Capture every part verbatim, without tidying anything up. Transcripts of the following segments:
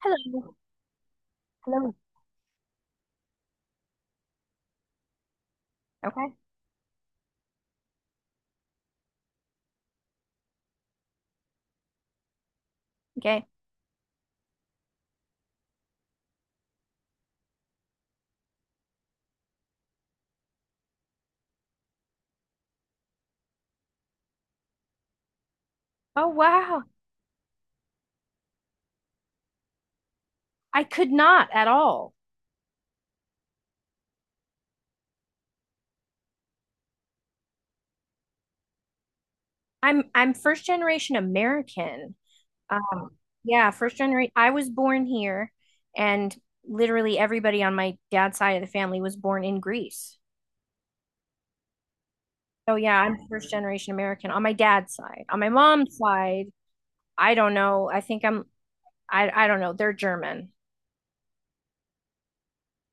Hello. Hello. Okay. Okay. Oh wow. I could not at all. I'm I'm first generation American. Uh, yeah, first generation. I was born here, and literally everybody on my dad's side of the family was born in Greece. So yeah, I'm first generation American on my dad's side. On my mom's side, I don't know. I think I'm I I don't know. They're German.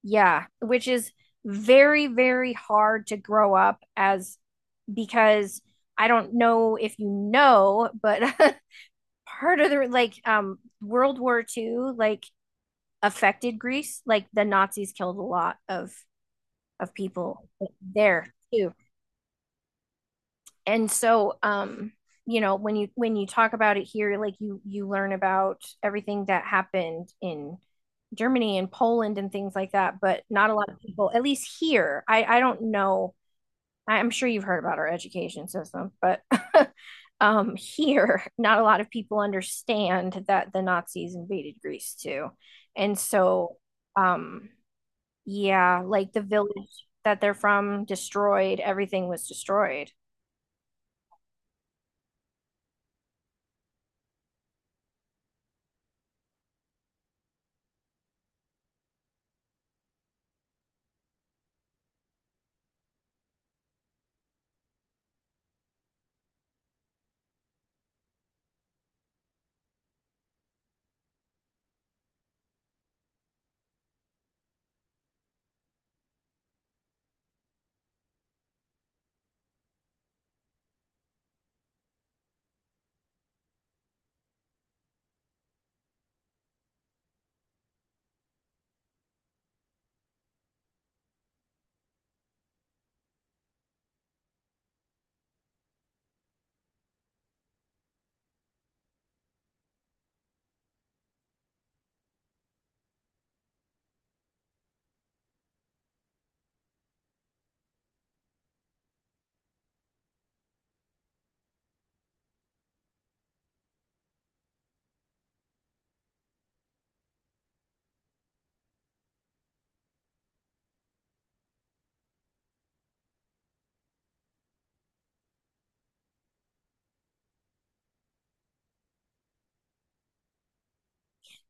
Yeah, which is very very hard to grow up as because I don't know if you know, but part of the like um World War Two like affected Greece. Like the Nazis killed a lot of of people there too. And so, um you know, when you when you talk about it here, like you you learn about everything that happened in Germany and Poland and things like that, but not a lot of people, at least here. I I don't know, I'm sure you've heard about our education system, but um, here, not a lot of people understand that the Nazis invaded Greece too. And so, um, yeah, like the village that they're from destroyed, everything was destroyed.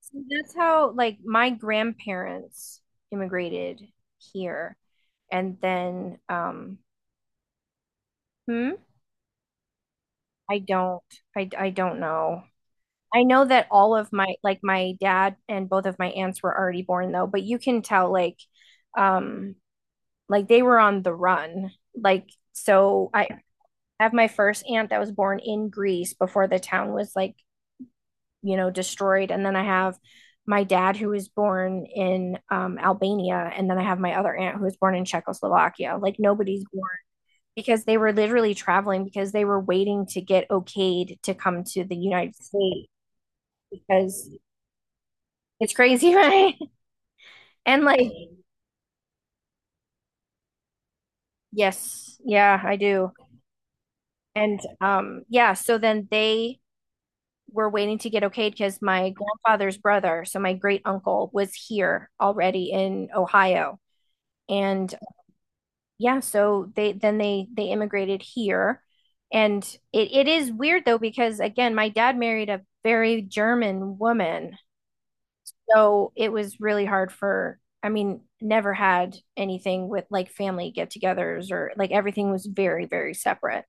So that's how, like, my grandparents immigrated here. And then, um, hmm, I don't, I, I don't know. I know that all of my, like, my dad and both of my aunts were already born though, but you can tell, like, um like they were on the run. Like, so I have my first aunt that was born in Greece before the town was, like, you know, destroyed, and then I have my dad who was born in um, Albania, and then I have my other aunt who was born in Czechoslovakia. Like nobody's born because they were literally traveling because they were waiting to get okayed to come to the United States because it's crazy, right? And like, yes, yeah, I do. And um, yeah, so then they were waiting to get okayed because my grandfather's brother, so my great uncle, was here already in Ohio. And yeah, so they, then they they immigrated here. And it, it is weird though, because again, my dad married a very German woman. So it was really hard for, I mean, never had anything with like family get-togethers, or like everything was very, very separate.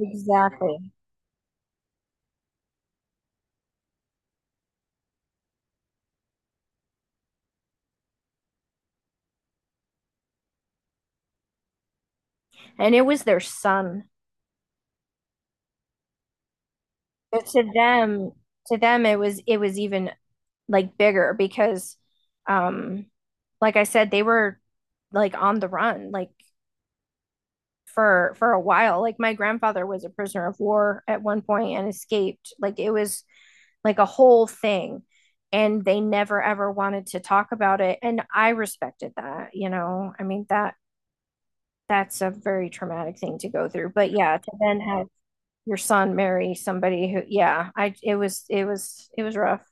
Exactly. And it was their son. But to them, to them it was, it was even like bigger because, um like I said, they were like on the run, like for for a while. Like my grandfather was a prisoner of war at one point and escaped. Like it was like a whole thing. And they never ever wanted to talk about it. And I respected that, you know. I mean, that that's a very traumatic thing to go through. But yeah, to then have your son marry somebody who, yeah, I it was, it was it was rough.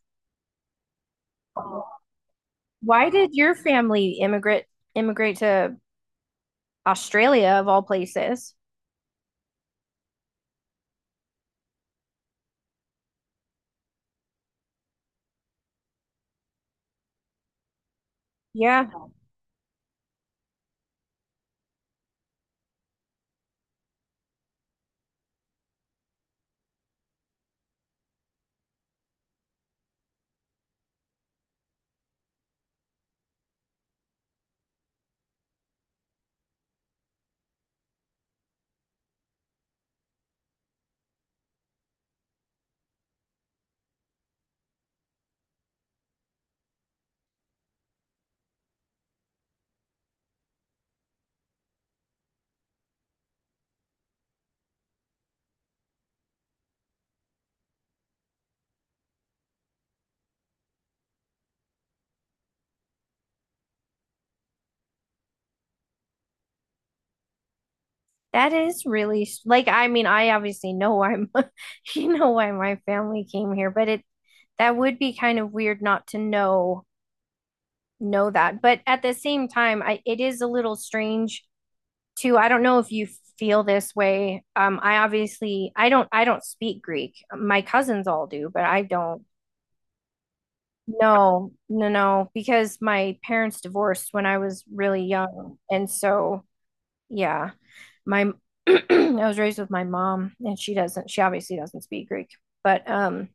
Why did your family immigrate immigrate to Australia of all places? Yeah. That is really, like, I mean, I obviously know why my-- you know, why my family came here, but it, that would be kind of weird not to know know that. But at the same time, I it is a little strange too. I don't know if you feel this way. um I obviously, i don't I don't speak Greek. My cousins all do, but I don't. No, no, no, because my parents divorced when I was really young, and so yeah, my I was raised with my mom, and she doesn't, she obviously doesn't speak Greek. But um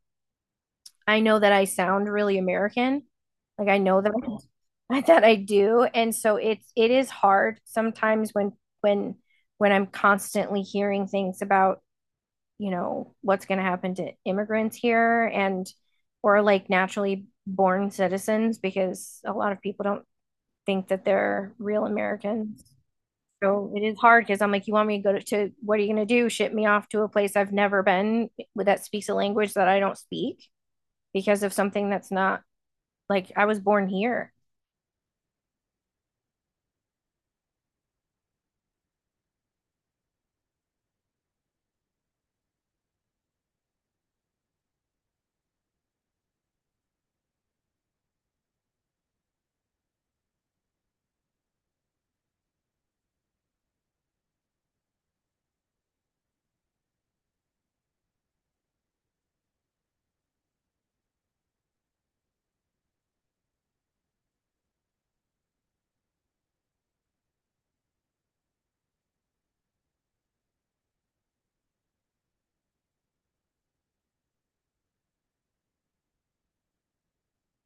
I know that I sound really American. Like I know that I, that I do. And so it's, it is hard sometimes when when when I'm constantly hearing things about, you know, what's going to happen to immigrants here, and or like naturally born citizens, because a lot of people don't think that they're real Americans. So it is hard because I'm like, you want me to go to, to what are you going to do? Ship me off to a place I've never been with, that speaks a language that I don't speak, because of something that's not, like, I was born here.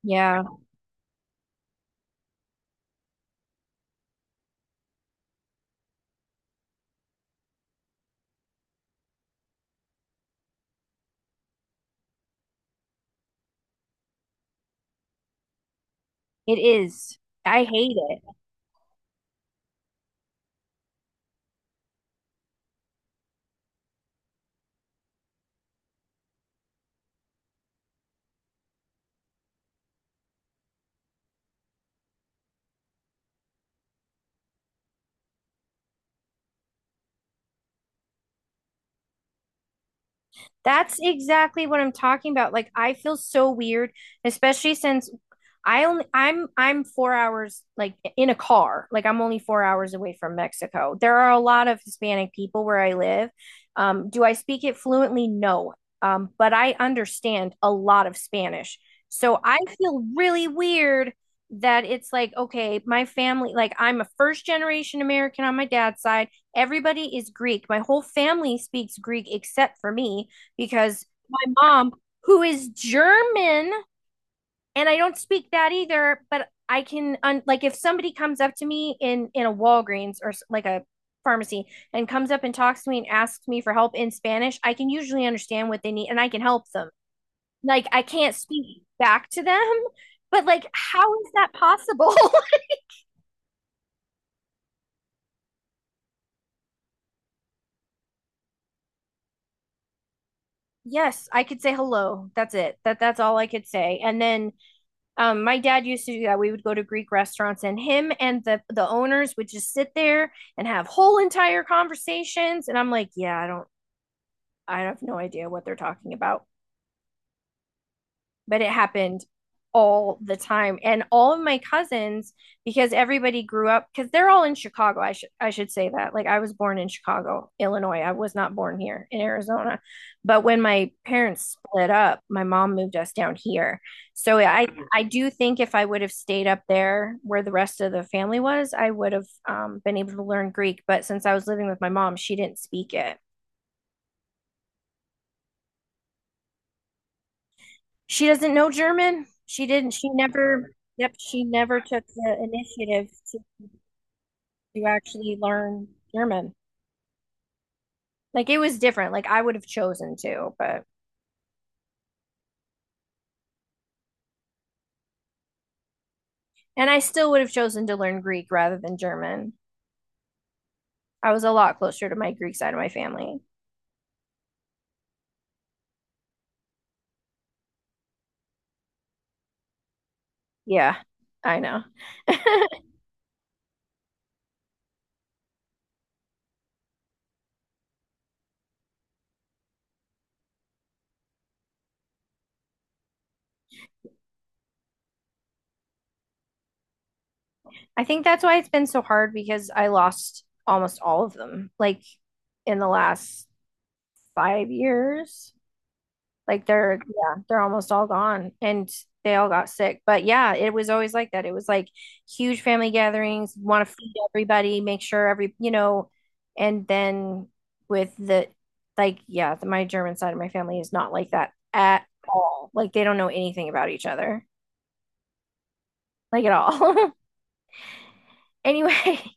Yeah, it is. I hate it. That's exactly what I'm talking about. Like I feel so weird, especially since I only, I'm I'm four hours, like, in a car. Like I'm only four hours away from Mexico. There are a lot of Hispanic people where I live. Um, do I speak it fluently? No. Um, but I understand a lot of Spanish. So I feel really weird that it's like, okay, my family, like I'm a first generation American on my dad's side. Everybody is Greek. My whole family speaks Greek except for me, because my mom, who is German, and I don't speak that either, but I can un-- like if somebody comes up to me in in a Walgreens or like a pharmacy and comes up and talks to me and asks me for help in Spanish, I can usually understand what they need and I can help them. Like I can't speak back to them, but like how is that possible? Yes, I could say hello. That's it. That that's all I could say. And then, Um, my dad used to do that. We would go to Greek restaurants, and him and the the owners would just sit there and have whole entire conversations. And I'm like, yeah, I don't, I have no idea what they're talking about, but it happened all the time. And all of my cousins, because everybody grew up, because they're all in Chicago. I should I should say that. Like I was born in Chicago, Illinois. I was not born here in Arizona. But when my parents split up, my mom moved us down here. So I I do think if I would have stayed up there where the rest of the family was, I would have, um, been able to learn Greek. But since I was living with my mom, she didn't speak it. She doesn't know German. She didn't. She never. Yep. She never took the initiative to, to actually learn German. Like it was different. Like I would have chosen to. But and I still would have chosen to learn Greek rather than German. I was a lot closer to my Greek side of my family. Yeah, I know. I think that's why it's been so hard, because I lost almost all of them, like in the last five years. Like they're, yeah, they're almost all gone, and they all got sick. But yeah, it was always like that. It was like huge family gatherings, want to feed everybody, make sure every, you know, and then with the, like, yeah, the, my German side of my family is not like that at all. Like they don't know anything about each other, like at all. Anyway,